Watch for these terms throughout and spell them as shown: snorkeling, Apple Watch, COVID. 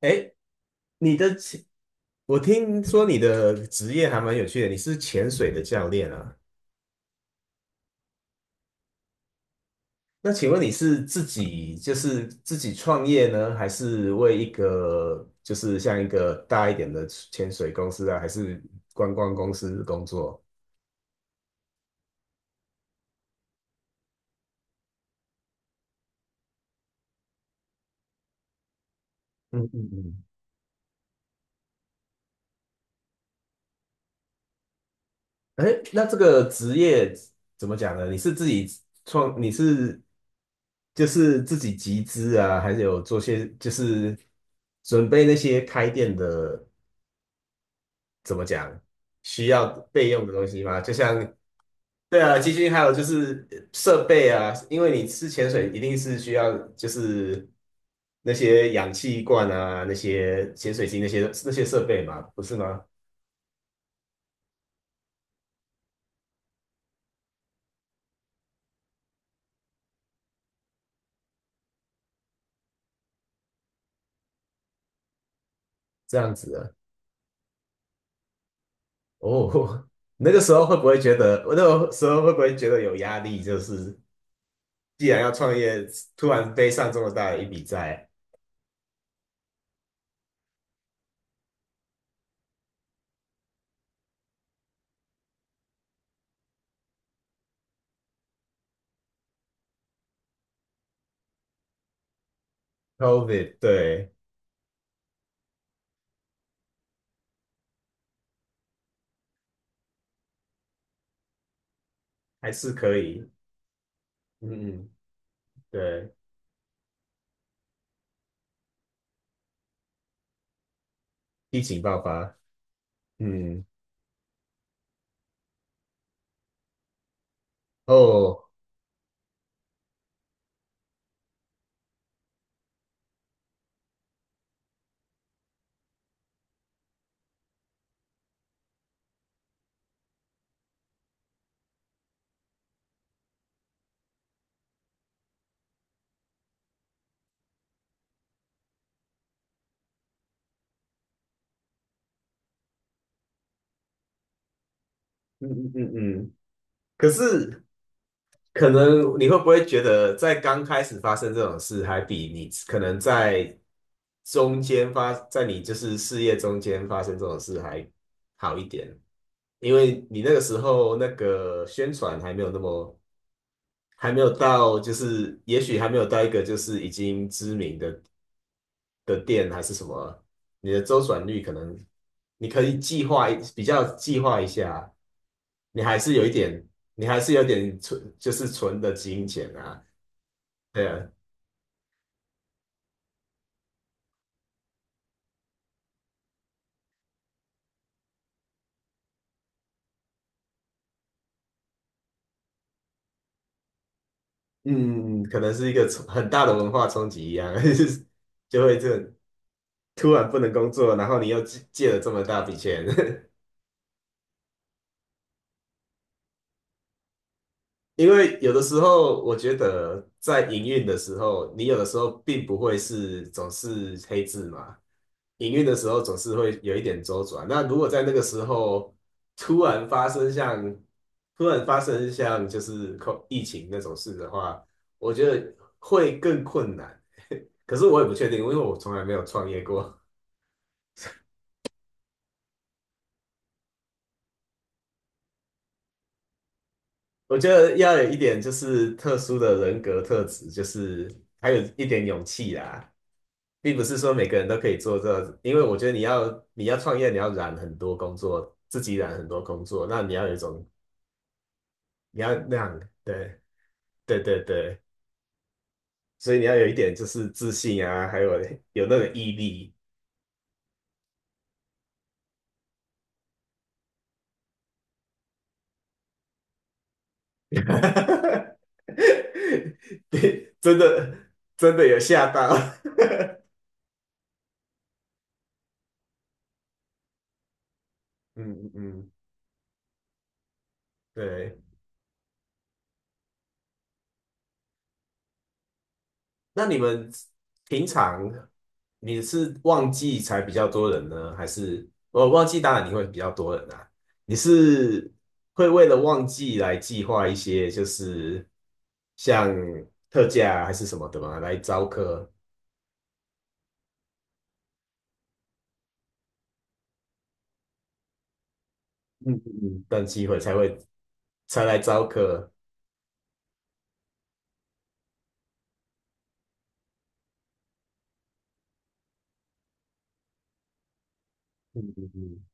哎，你的潜，我听说你的职业还蛮有趣的，你是潜水的教练啊。那请问你是自己创业呢，还是为一个就是像一个大一点的潜水公司啊，还是观光公司工作？嗯嗯嗯。哎，那这个职业怎么讲呢？你是就是自己集资啊，还是有做些就是准备那些开店的？怎么讲，需要备用的东西吗？对啊，基金还有就是设备啊，因为你吃潜水一定是需要就是那些氧气罐啊、那些潜水机那些设备嘛，不是吗？这样子的哦，那个时候会不会觉得，我那个时候会不会觉得有压力？就是既然要创业，突然背上这么大的一笔债。COVID，对。还是可以。嗯嗯。对，疫情爆发。嗯。哦。嗯嗯嗯嗯。可是可能你会不会觉得，在刚开始发生这种事，还比你可能在中间发，在你就是事业中间发生这种事还好一点？因为你那个时候那个宣传还没有那么，还没有到，就是也许还没有到一个就是已经知名的店还是什么，你的周转率可能你可以计划一比较计划一下，你还是有一点，你还是有点存，就是存的金钱啊。对啊。嗯，可能是一个很大的文化冲击一样。就是就会这突然不能工作，然后你又借了这么大笔钱。因为有的时候，我觉得在营运的时候，你有的时候并不会是总是黑字嘛。营运的时候总是会有一点周转。那如果在那个时候突然发生像突然发生像就是疫情那种事的话，我觉得会更困难。可是我也不确定，因为我从来没有创业过。我觉得要有一点就是特殊的人格特质，就是还有一点勇气啦。并不是说每个人都可以做这，因为我觉得你要创业，你要染很多工作，自己染很多工作，那你要有一种你要那样。对对对对。所以你要有一点就是自信啊，还有那个毅力。真的真的有吓到。嗯嗯嗯。对。那你们平常你是旺季才比较多人呢，还是旺季当然你会比较多人啊？你是会为了旺季来计划一些就是像特价啊还是什么的吗？来招客。嗯嗯嗯。等机会才来招客。嗯嗯嗯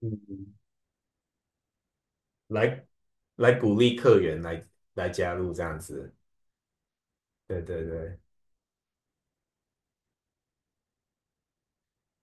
嗯。来来鼓励客源来加入这样子。对对对。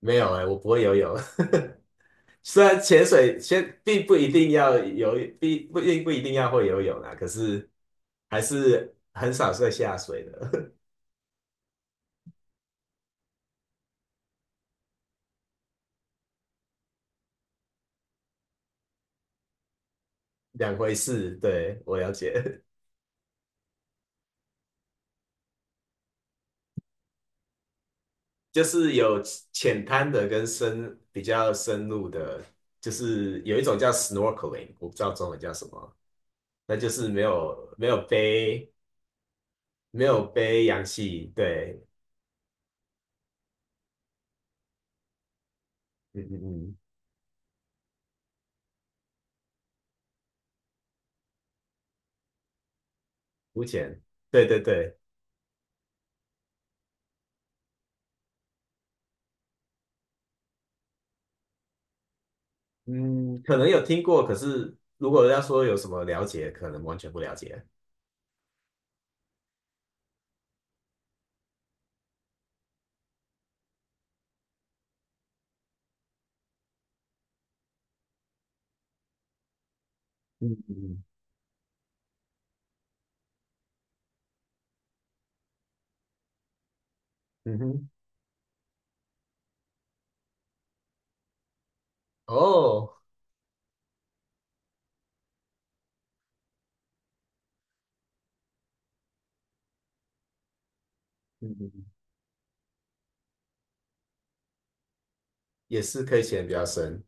没有哎、我不会游泳。虽然潜水先并不一定要游，并不一定要会游泳啊，可是还是很少会下水的。两回事。对，我了解。就是有浅滩的跟比较深入的，就是有一种叫 snorkeling，我不知道中文叫什么，那就是没有背氧气。对。嗯嗯嗯。浮潜。对对对。嗯，可能有听过，可是如果要说有什么了解，可能完全不了解。嗯嗯嗯哼。哦。嗯嗯。也是可以潜得比较深。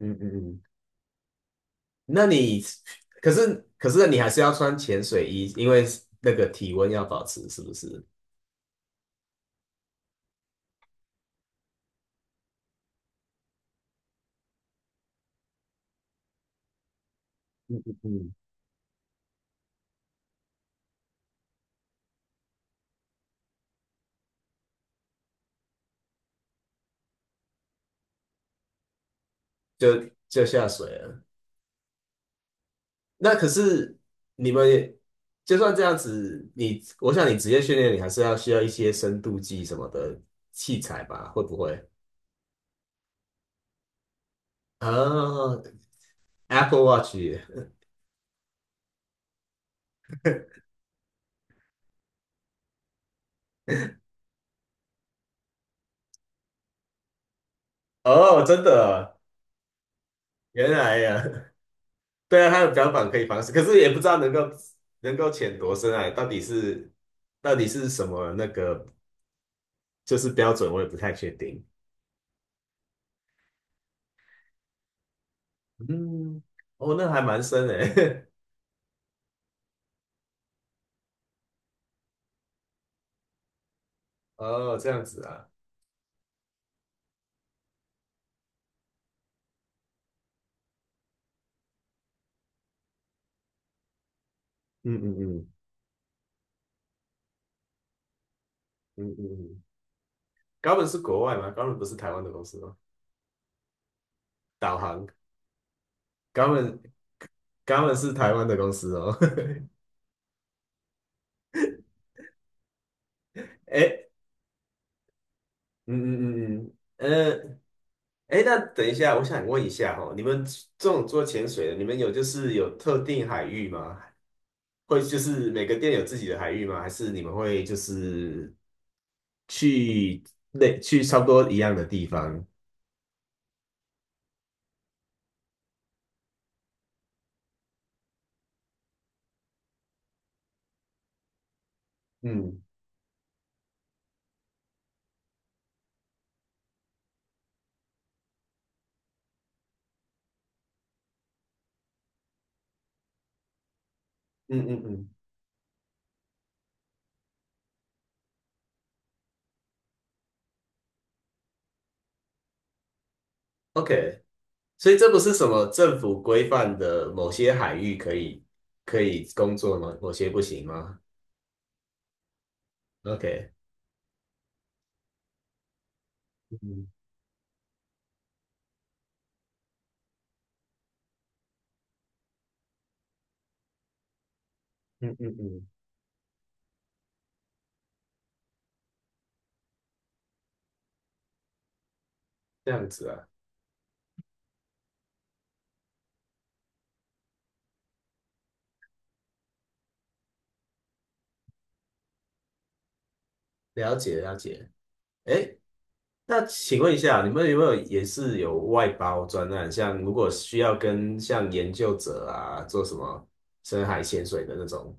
嗯嗯嗯。那你可是你还是要穿潜水衣，因为那个体温要保持，是不是？嗯，就下水了。那可是你们也就算这样子，我想你职业训练，你还是需要一些深度计什么的器材吧？会不会？啊， Apple Watch。哦，真的。原来呀。对啊，它的标榜可以防水，可是也不知道能够潜多深啊，到底是什么那个就是标准，我也不太确定。嗯。哦，那还蛮深诶。哦，这样子啊。嗯嗯嗯嗯嗯嗯。高本是国外吗？高本不是台湾的公司吗？导航，高本高本是台湾的公司哦。哎。嗯嗯嗯嗯。哎，那等一下，我想问一下哦，你们这种做潜水的，你们有就是有特定海域吗？会就是每个店有自己的海域吗？还是你们会就是去去差不多一样的地方？嗯嗯嗯嗯。OK，所以这不是什么政府规范的某些海域可以工作吗？某些不行吗？OK。嗯嗯嗯嗯。这样子啊，了解了解。哎，那请问一下，你们有没有也是有外包专案？像如果需要像研究者啊做什么深海潜水的那种，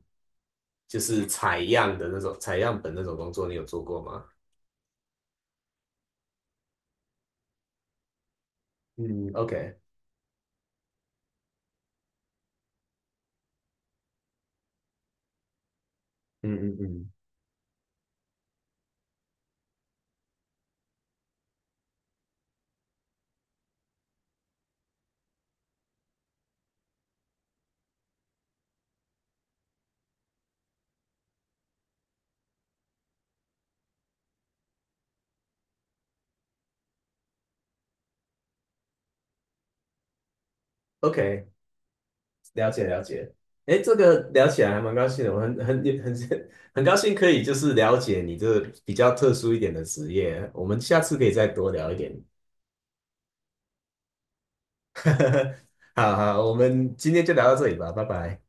就是采样本那种工作，你有做过吗？嗯，OK。嗯嗯嗯。OK，了解了解。哎，这个聊起来还蛮高兴的，我很很很 很高兴可以就是了解你这比较特殊一点的职业，我们下次可以再多聊一点。好好，我们今天就聊到这里吧，拜拜。